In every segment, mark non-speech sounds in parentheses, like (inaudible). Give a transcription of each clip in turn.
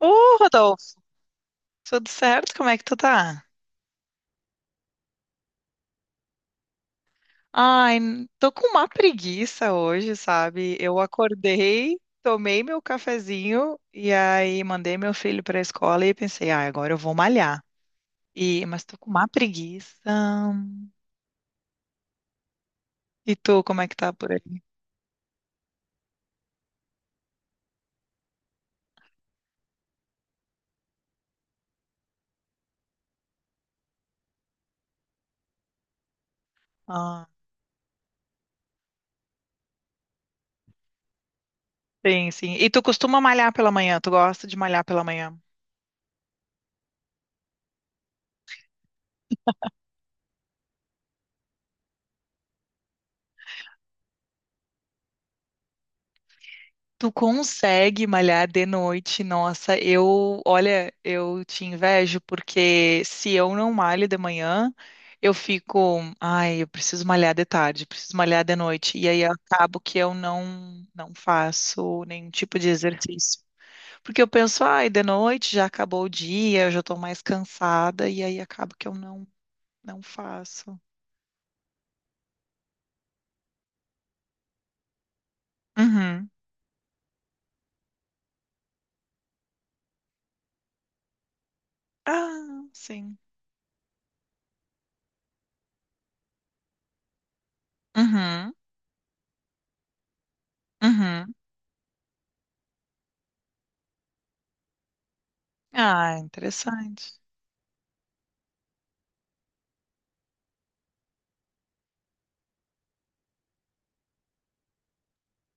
Ô, Rodolfo, tudo certo? Como é que tu tá? Ai, tô com uma preguiça hoje, sabe? Eu acordei, tomei meu cafezinho e aí mandei meu filho pra escola e pensei, ah, agora eu vou malhar. E, mas tô com uma preguiça. E tu, como é que tá por aí? Ah, sim, sim. E tu costuma malhar pela manhã? Tu gosta de malhar pela manhã? Tu consegue malhar de noite? Nossa, eu, olha, eu te invejo porque se eu não malho de manhã, eu fico, ai, eu preciso malhar de tarde, preciso malhar de noite, e aí acabo que eu não faço nenhum tipo de exercício. Porque eu penso, ai, de noite já acabou o dia, eu já tô mais cansada e aí acabo que eu não faço. Uhum. Ah, sim. Uhum. Uhum. Ah, interessante.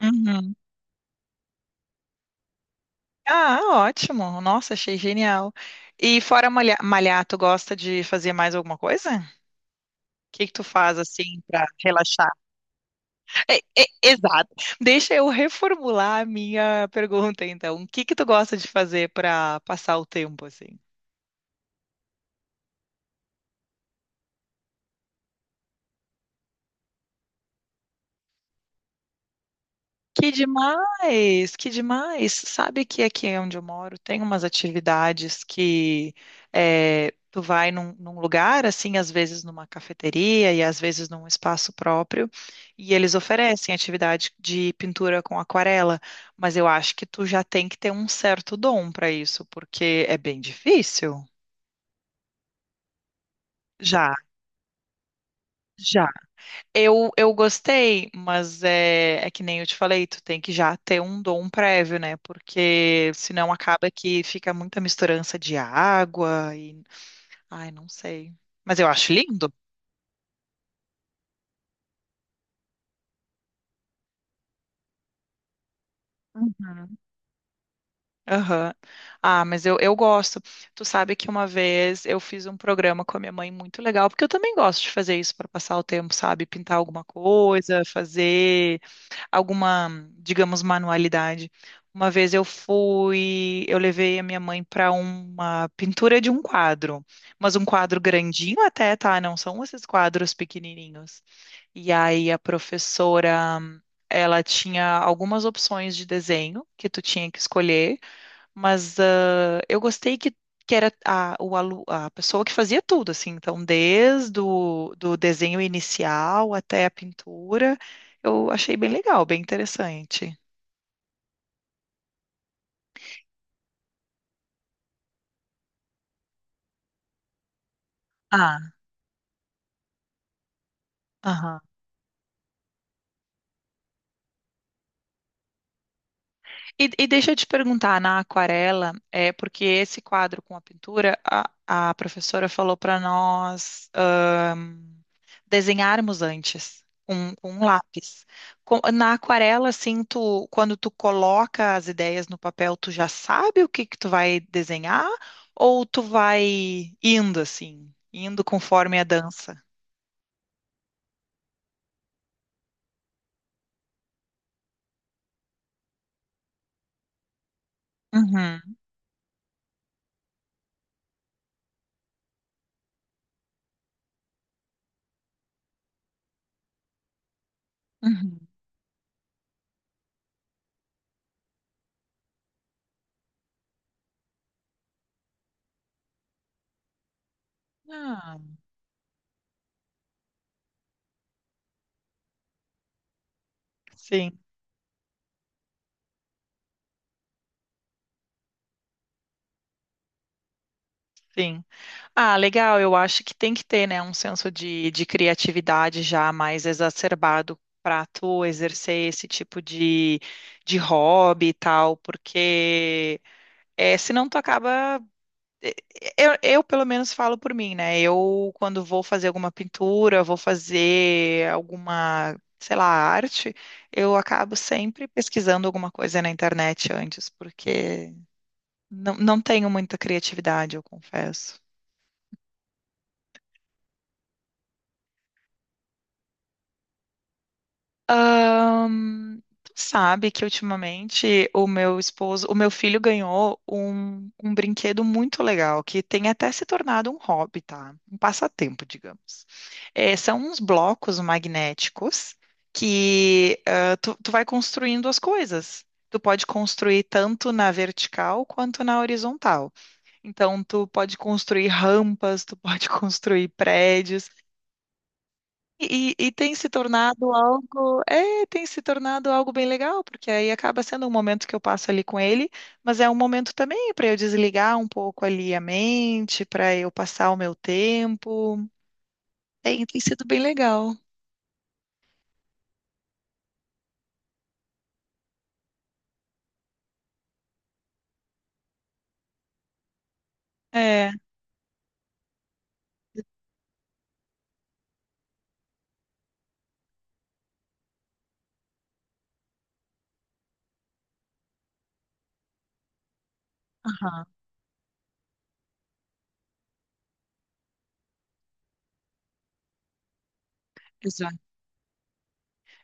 Uhum. Ah, ótimo. Nossa, achei genial. E fora malhar, tu gosta de fazer mais alguma coisa? O que que tu faz assim para relaxar? É, é, exato. Deixa eu reformular a minha pergunta, então. O que que tu gosta de fazer para passar o tempo assim? Que demais, que demais. Sabe que aqui onde eu moro tem umas atividades que tu vai num lugar, assim, às vezes numa cafeteria e às vezes num espaço próprio, e eles oferecem atividade de pintura com aquarela, mas eu acho que tu já tem que ter um certo dom para isso, porque é bem difícil. Já, já. Eu gostei, mas é que nem eu te falei, tu tem que já ter um dom prévio, né? Porque senão acaba que fica muita misturança de água e. Ai, não sei. Mas eu acho lindo. Uhum. Aham. Ah, mas eu gosto. Tu sabe que uma vez eu fiz um programa com a minha mãe muito legal, porque eu também gosto de fazer isso para passar o tempo, sabe? Pintar alguma coisa, fazer alguma, digamos, manualidade. Uma vez eu fui, eu levei a minha mãe para uma pintura de um quadro, mas um quadro grandinho até, tá? Não são esses quadros pequenininhos. E aí a professora, ela tinha algumas opções de desenho que tu tinha que escolher. Mas ah, eu gostei que era a pessoa que fazia tudo, assim. Então, desde o do desenho inicial até a pintura, eu achei bem legal, bem interessante. Ah, aham. E deixa eu te perguntar, na aquarela, é porque esse quadro com a pintura, a professora falou para nós desenharmos antes. Com um lápis. Na aquarela, assim, tu, quando tu coloca as ideias no papel, tu já sabe o que que tu vai desenhar ou tu vai indo, assim, indo conforme a dança? Uhum, uhum. Ah, sim, sim. Ah, legal. Eu acho que tem que ter, né, um senso de criatividade já mais exacerbado para tu exercer esse tipo de hobby e tal, porque é, senão tu acaba. é, eu, pelo menos, falo por mim, né? Eu, quando vou fazer alguma pintura, vou fazer alguma, sei lá, arte, eu acabo sempre pesquisando alguma coisa na internet antes, porque não tenho muita criatividade, eu confesso. Tu sabe que ultimamente o meu esposo, o meu filho ganhou um brinquedo muito legal, que tem até se tornado um hobby, tá? Um passatempo, digamos. É, são uns blocos magnéticos que tu vai construindo as coisas. Tu pode construir tanto na vertical quanto na horizontal. Então, tu pode construir rampas, tu pode (laughs) construir prédios. E tem se tornado algo, é, tem se tornado algo bem legal, porque aí acaba sendo um momento que eu passo ali com ele, mas é um momento também para eu desligar um pouco ali a mente, para eu passar o meu tempo. Tem, tem sido bem legal. É, aham,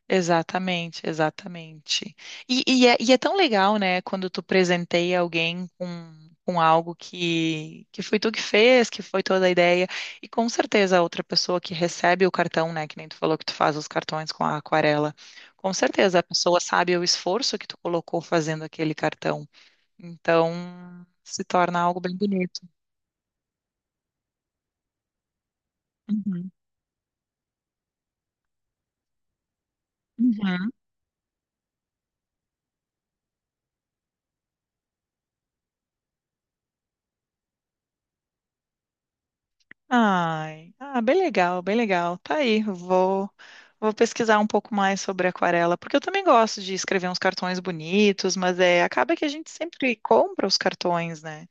exatamente, exatamente. E é tão legal, né, quando tu presenteia alguém com algo que foi tu que fez, que foi toda a ideia, e com certeza a outra pessoa que recebe o cartão, né, que nem tu falou que tu faz os cartões com a aquarela, com certeza a pessoa sabe o esforço que tu colocou fazendo aquele cartão. Então, se torna algo bem bonito. Uhum. Uhum. Ai, ah, bem legal, bem legal. Tá aí, vou, vou pesquisar um pouco mais sobre aquarela, porque eu também gosto de escrever uns cartões bonitos, mas é, acaba que a gente sempre compra os cartões, né?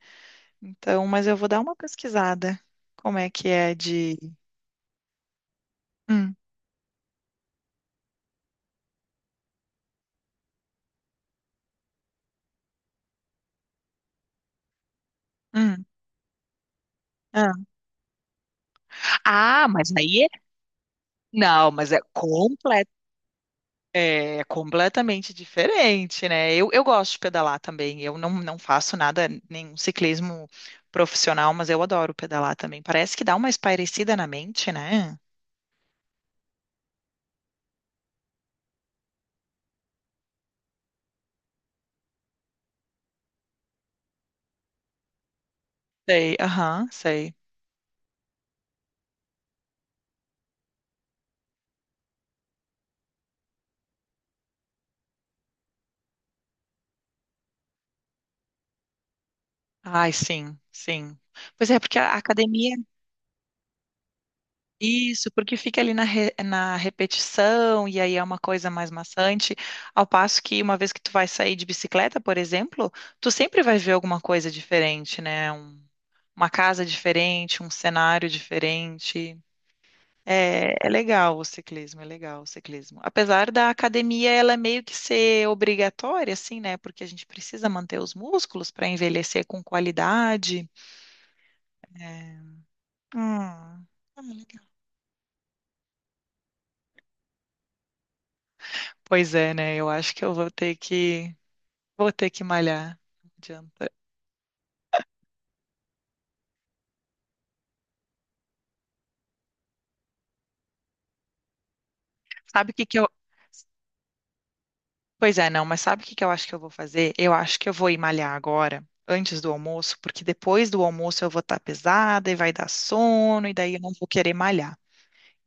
Então, mas eu vou dar uma pesquisada. Como é que é de. Hum, hum, ah. Ah, mas aí, não, mas é é completamente diferente, né? Eu gosto de pedalar também. Eu não faço nada, nenhum ciclismo profissional, mas eu adoro pedalar também. Parece que dá uma espairecida na mente, né? Sei, aham, sei. Ai, sim, sim. Pois é, porque a academia, isso, porque fica ali na, na repetição e aí é uma coisa mais maçante. Ao passo que uma vez que tu vai sair de bicicleta, por exemplo, tu sempre vai ver alguma coisa diferente, né? Uma casa diferente, um cenário diferente. É, é legal o ciclismo, é legal o ciclismo. Apesar da academia ela é meio que ser obrigatória, assim, né? Porque a gente precisa manter os músculos para envelhecer com qualidade. É. Hum. Ah, legal. Pois é, né? Eu acho que eu vou ter que malhar. Não adianta. Sabe o que que eu pois é, não, mas sabe o que que eu acho que eu vou fazer? Eu acho que eu vou ir malhar agora, antes do almoço, porque depois do almoço eu vou estar pesada e vai dar sono e daí eu não vou querer malhar.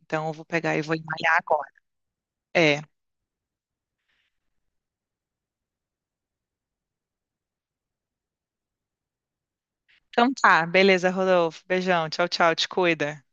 Então eu vou pegar e vou malhar agora. É. Então tá, beleza, Rodolfo. Beijão, tchau, tchau, te cuida.